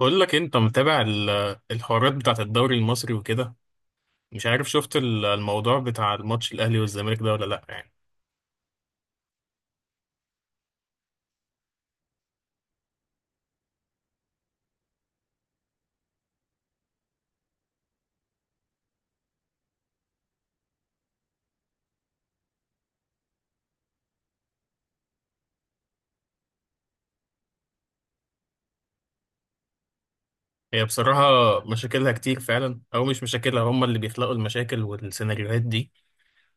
بقول لك إيه، انت متابع الحوارات بتاعت الدوري المصري وكده. مش عارف شفت الموضوع بتاع الماتش الاهلي والزمالك ده ولا لا يعني. هي بصراحة مشاكلها كتير فعلا، او مش مشاكلها، هم اللي بيخلقوا المشاكل والسيناريوهات دي.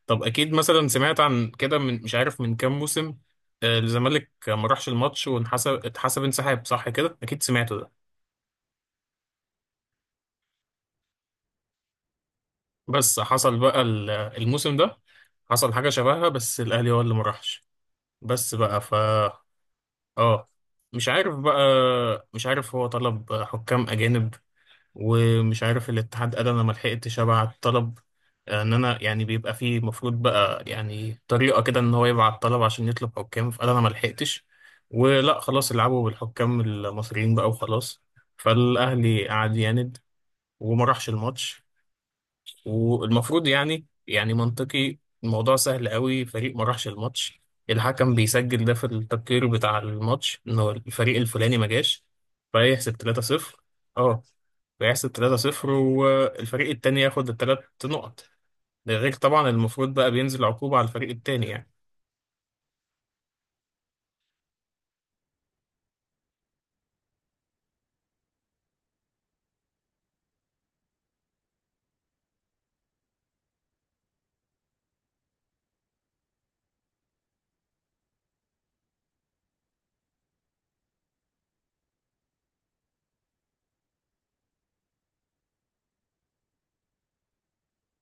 طب اكيد مثلا سمعت عن كده من مش عارف من كام موسم. الزمالك ما راحش الماتش وانحسب، اتحسب انسحاب، صح كده؟ اكيد سمعته ده. بس حصل بقى الموسم ده، حصل حاجة شبهها بس الاهلي هو اللي ما راحش بس بقى. اه مش عارف بقى مش عارف هو طلب حكام اجانب، ومش عارف الاتحاد قال انا ما لحقتش ابعت طلب. انا يعني بيبقى فيه، المفروض بقى يعني طريقه كده ان هو يبعت طلب عشان يطلب حكام، فقال انا ما لحقتش، ولا خلاص العبوا بالحكام المصريين بقى وخلاص. فالاهلي قعد يعند وما راحش الماتش. والمفروض يعني منطقي، الموضوع سهل قوي، فريق ما راحش الماتش، الحكم بيسجل ده في التقرير بتاع الماتش انه الفريق الفلاني ما جاش، فيحسب 3-0. اه، فيحسب 3-0 والفريق التاني ياخد الثلاث نقط. ده غير طبعا المفروض بقى بينزل عقوبة على الفريق التاني يعني.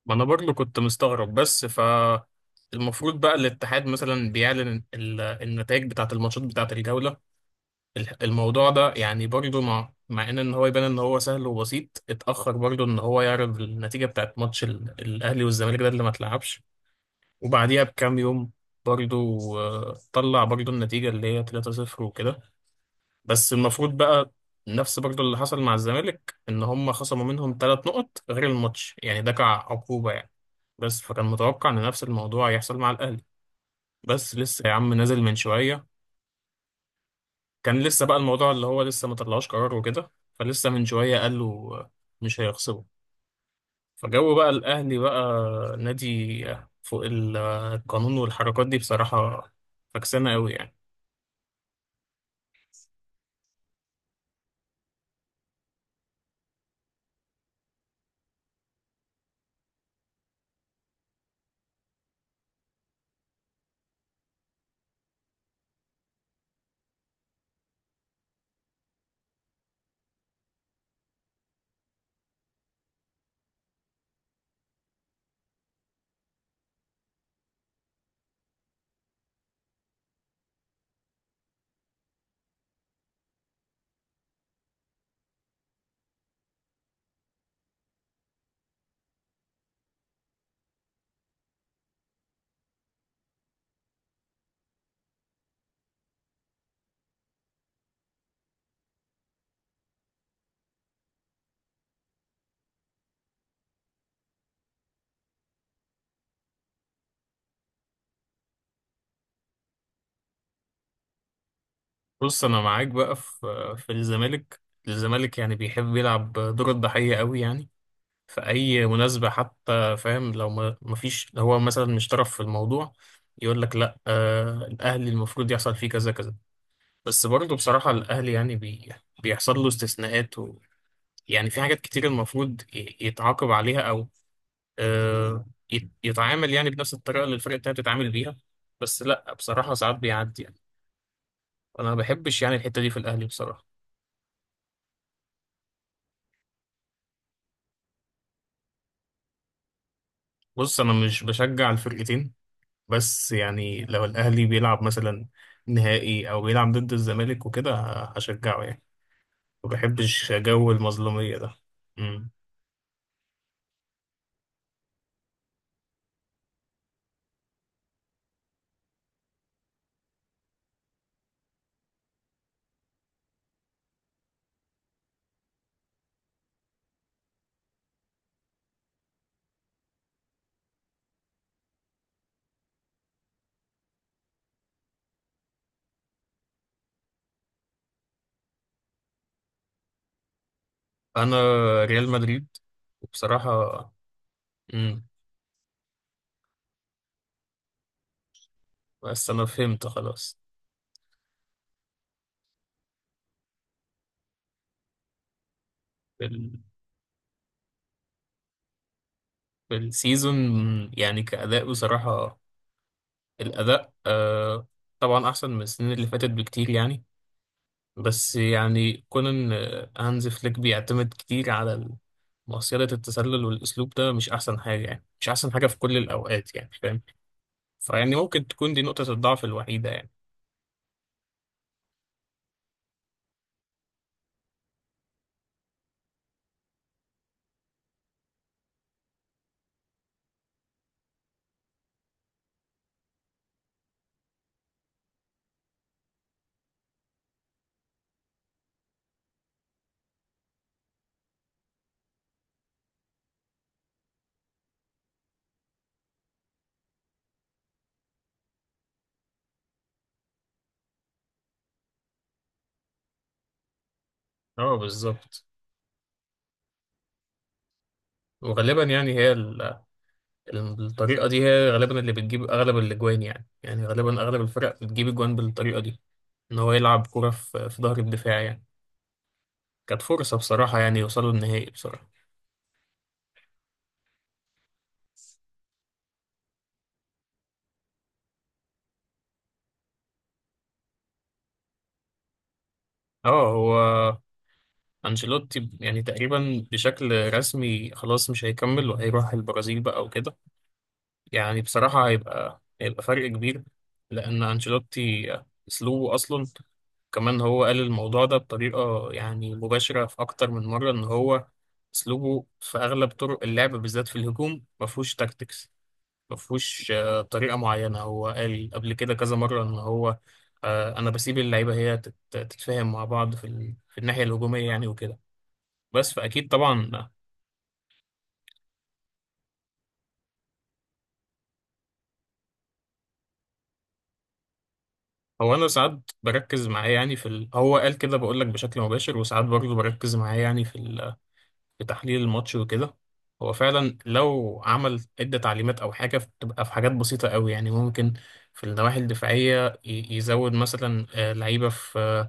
ما انا برضه كنت مستغرب، بس المفروض بقى الاتحاد مثلا بيعلن النتائج بتاعة الماتشات بتاعة الجولة. الموضوع ده يعني برضو، مع ان هو يبان ان هو سهل وبسيط، اتاخر برضو ان هو يعرف النتيجه بتاعت ماتش الاهلي والزمالك ده اللي ما اتلعبش. وبعديها بكام يوم برضو طلع برضو النتيجه اللي هي 3-0 وكده. بس المفروض بقى نفس برضو اللي حصل مع الزمالك، ان هم خصموا منهم ثلاث نقط غير الماتش يعني، ده كعقوبه يعني. بس فكان متوقع ان نفس الموضوع يحصل مع الاهلي، بس لسه يا عم نازل من شويه. كان لسه بقى الموضوع اللي هو لسه ما طلعوش قرار وكده، فلسه من شوية قالوا مش هيخسروا. فجو بقى الأهلي بقى نادي فوق القانون، والحركات دي بصراحة فكسانة قوي يعني. بص، أنا معاك بقى في الزمالك. الزمالك يعني بيحب يلعب دور الضحية قوي يعني، في أي مناسبة حتى، فاهم؟ لو ما فيش، لو هو مثلا مش طرف في الموضوع يقول لك لا، الأهلي المفروض يحصل فيه كذا كذا. بس برضه بصراحة الأهلي يعني بيحصل له استثناءات. يعني في حاجات كتير المفروض يتعاقب عليها، أو يتعامل يعني بنفس الطريقة اللي الفرق التانية بتتعامل بيها، بس لأ، بصراحة ساعات بيعدي يعني. أنا ما بحبش يعني الحتة دي في الأهلي بصراحة. بص، أنا مش بشجع الفرقتين، بس يعني لو الأهلي بيلعب مثلا نهائي أو بيلعب ضد الزمالك وكده هشجعه يعني. ما بحبش جو المظلومية ده. مم. أنا ريال مدريد. وبصراحة. مم. بس انا فهمت خلاص. بال... بالسيزون يعني كأداء، بصراحة الأداء طبعا أحسن من السنين اللي فاتت بكتير يعني. بس يعني كون إن هانز فليك بيعتمد كتير على مصيدة التسلل، والأسلوب ده مش أحسن حاجة يعني، مش أحسن حاجة في كل الأوقات، يعني فاهم. فيعني ممكن تكون دي نقطة الضعف الوحيدة يعني. اه، بالظبط. وغالبا يعني هي الطريقة دي هي غالبا اللي بتجيب أغلب الأجوان يعني غالبا أغلب الفرق بتجيب أجوان بالطريقة دي، إن هو يلعب كرة في ظهر الدفاع يعني. كانت فرصة بصراحة يعني يوصلوا النهائي بصراحة. اه، هو أنشيلوتي يعني تقريبا بشكل رسمي خلاص مش هيكمل وهيروح البرازيل بقى وكده. يعني بصراحة هيبقى فرق كبير، لأن أنشيلوتي أسلوبه أصلا، كمان هو قال الموضوع ده بطريقة يعني مباشرة في أكتر من مرة، إن هو أسلوبه في أغلب طرق اللعب بالذات في الهجوم مفهوش تاكتكس، مفهوش طريقة معينة. هو قال قبل كده كذا مرة إن هو أنا بسيب اللعيبة هي تتفاهم مع بعض في الناحية الهجومية يعني وكده، بس فأكيد طبعا. هو أنا ساعات بركز معاه يعني في هو قال كده، بقول لك بشكل مباشر، وساعات برضه بركز معاه يعني في في تحليل الماتش وكده. هو فعلا لو عمل عدة تعليمات أو حاجة بتبقى في حاجات بسيطة قوي يعني، ممكن في النواحي الدفاعية يزود مثلا لعيبة في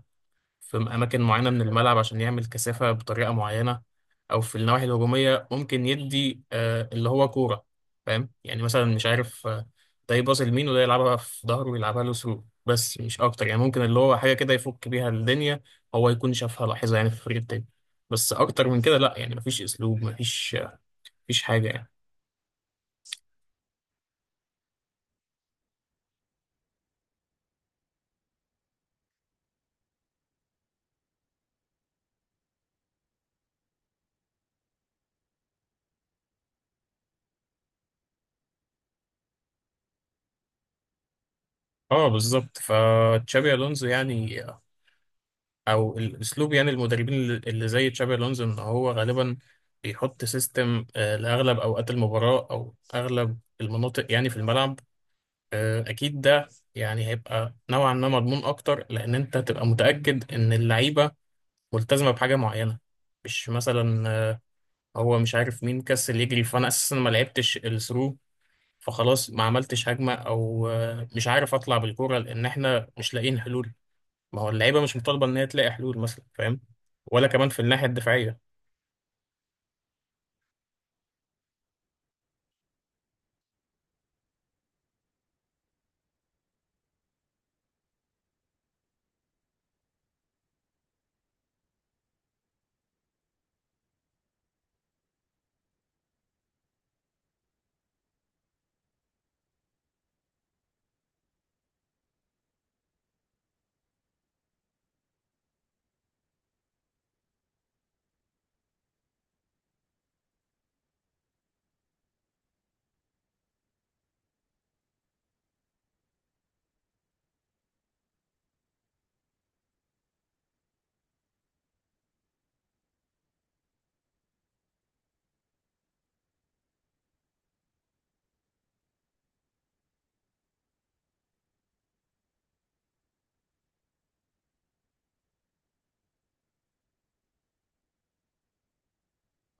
في أماكن معينة من الملعب عشان يعمل كثافة بطريقة معينة، أو في النواحي الهجومية ممكن يدي اللي هو كورة، فاهم يعني؟ مثلا مش عارف، ده يباص لمين وده يلعبها في ظهره ويلعبها له ثرو، بس مش أكتر يعني. ممكن اللي هو حاجة كده يفك بيها الدنيا، هو يكون شافها لاحظها يعني في الفريق التاني، بس أكتر من كده لأ يعني. مفيش أسلوب، مفيش مفيش حاجة يعني. اه، بالظبط. فتشابي الونزو يعني، او الاسلوب يعني المدربين اللي زي تشابي الونزو، ان هو غالبا بيحط سيستم لاغلب اوقات المباراه او اغلب المناطق يعني في الملعب. اكيد ده يعني هيبقى نوعا ما مضمون اكتر، لان انت هتبقى متاكد ان اللعيبه ملتزمه بحاجه معينه، مش مثلا هو مش عارف مين كسل يجري، فانا اساسا ما لعبتش الثرو، فخلاص ما عملتش هجمه، او مش عارف اطلع بالكوره لان احنا مش لاقيين حلول. ما هو اللعيبه مش مطالبه ان هي تلاقي حلول مثلا، فاهم؟ ولا كمان في الناحيه الدفاعيه.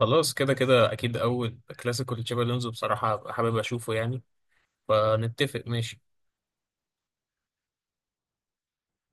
خلاص، كده كده اكيد اول كلاسيكو لتشابي الونزو بصراحه هبقى حابب اشوفه يعني، فنتفق ماشي.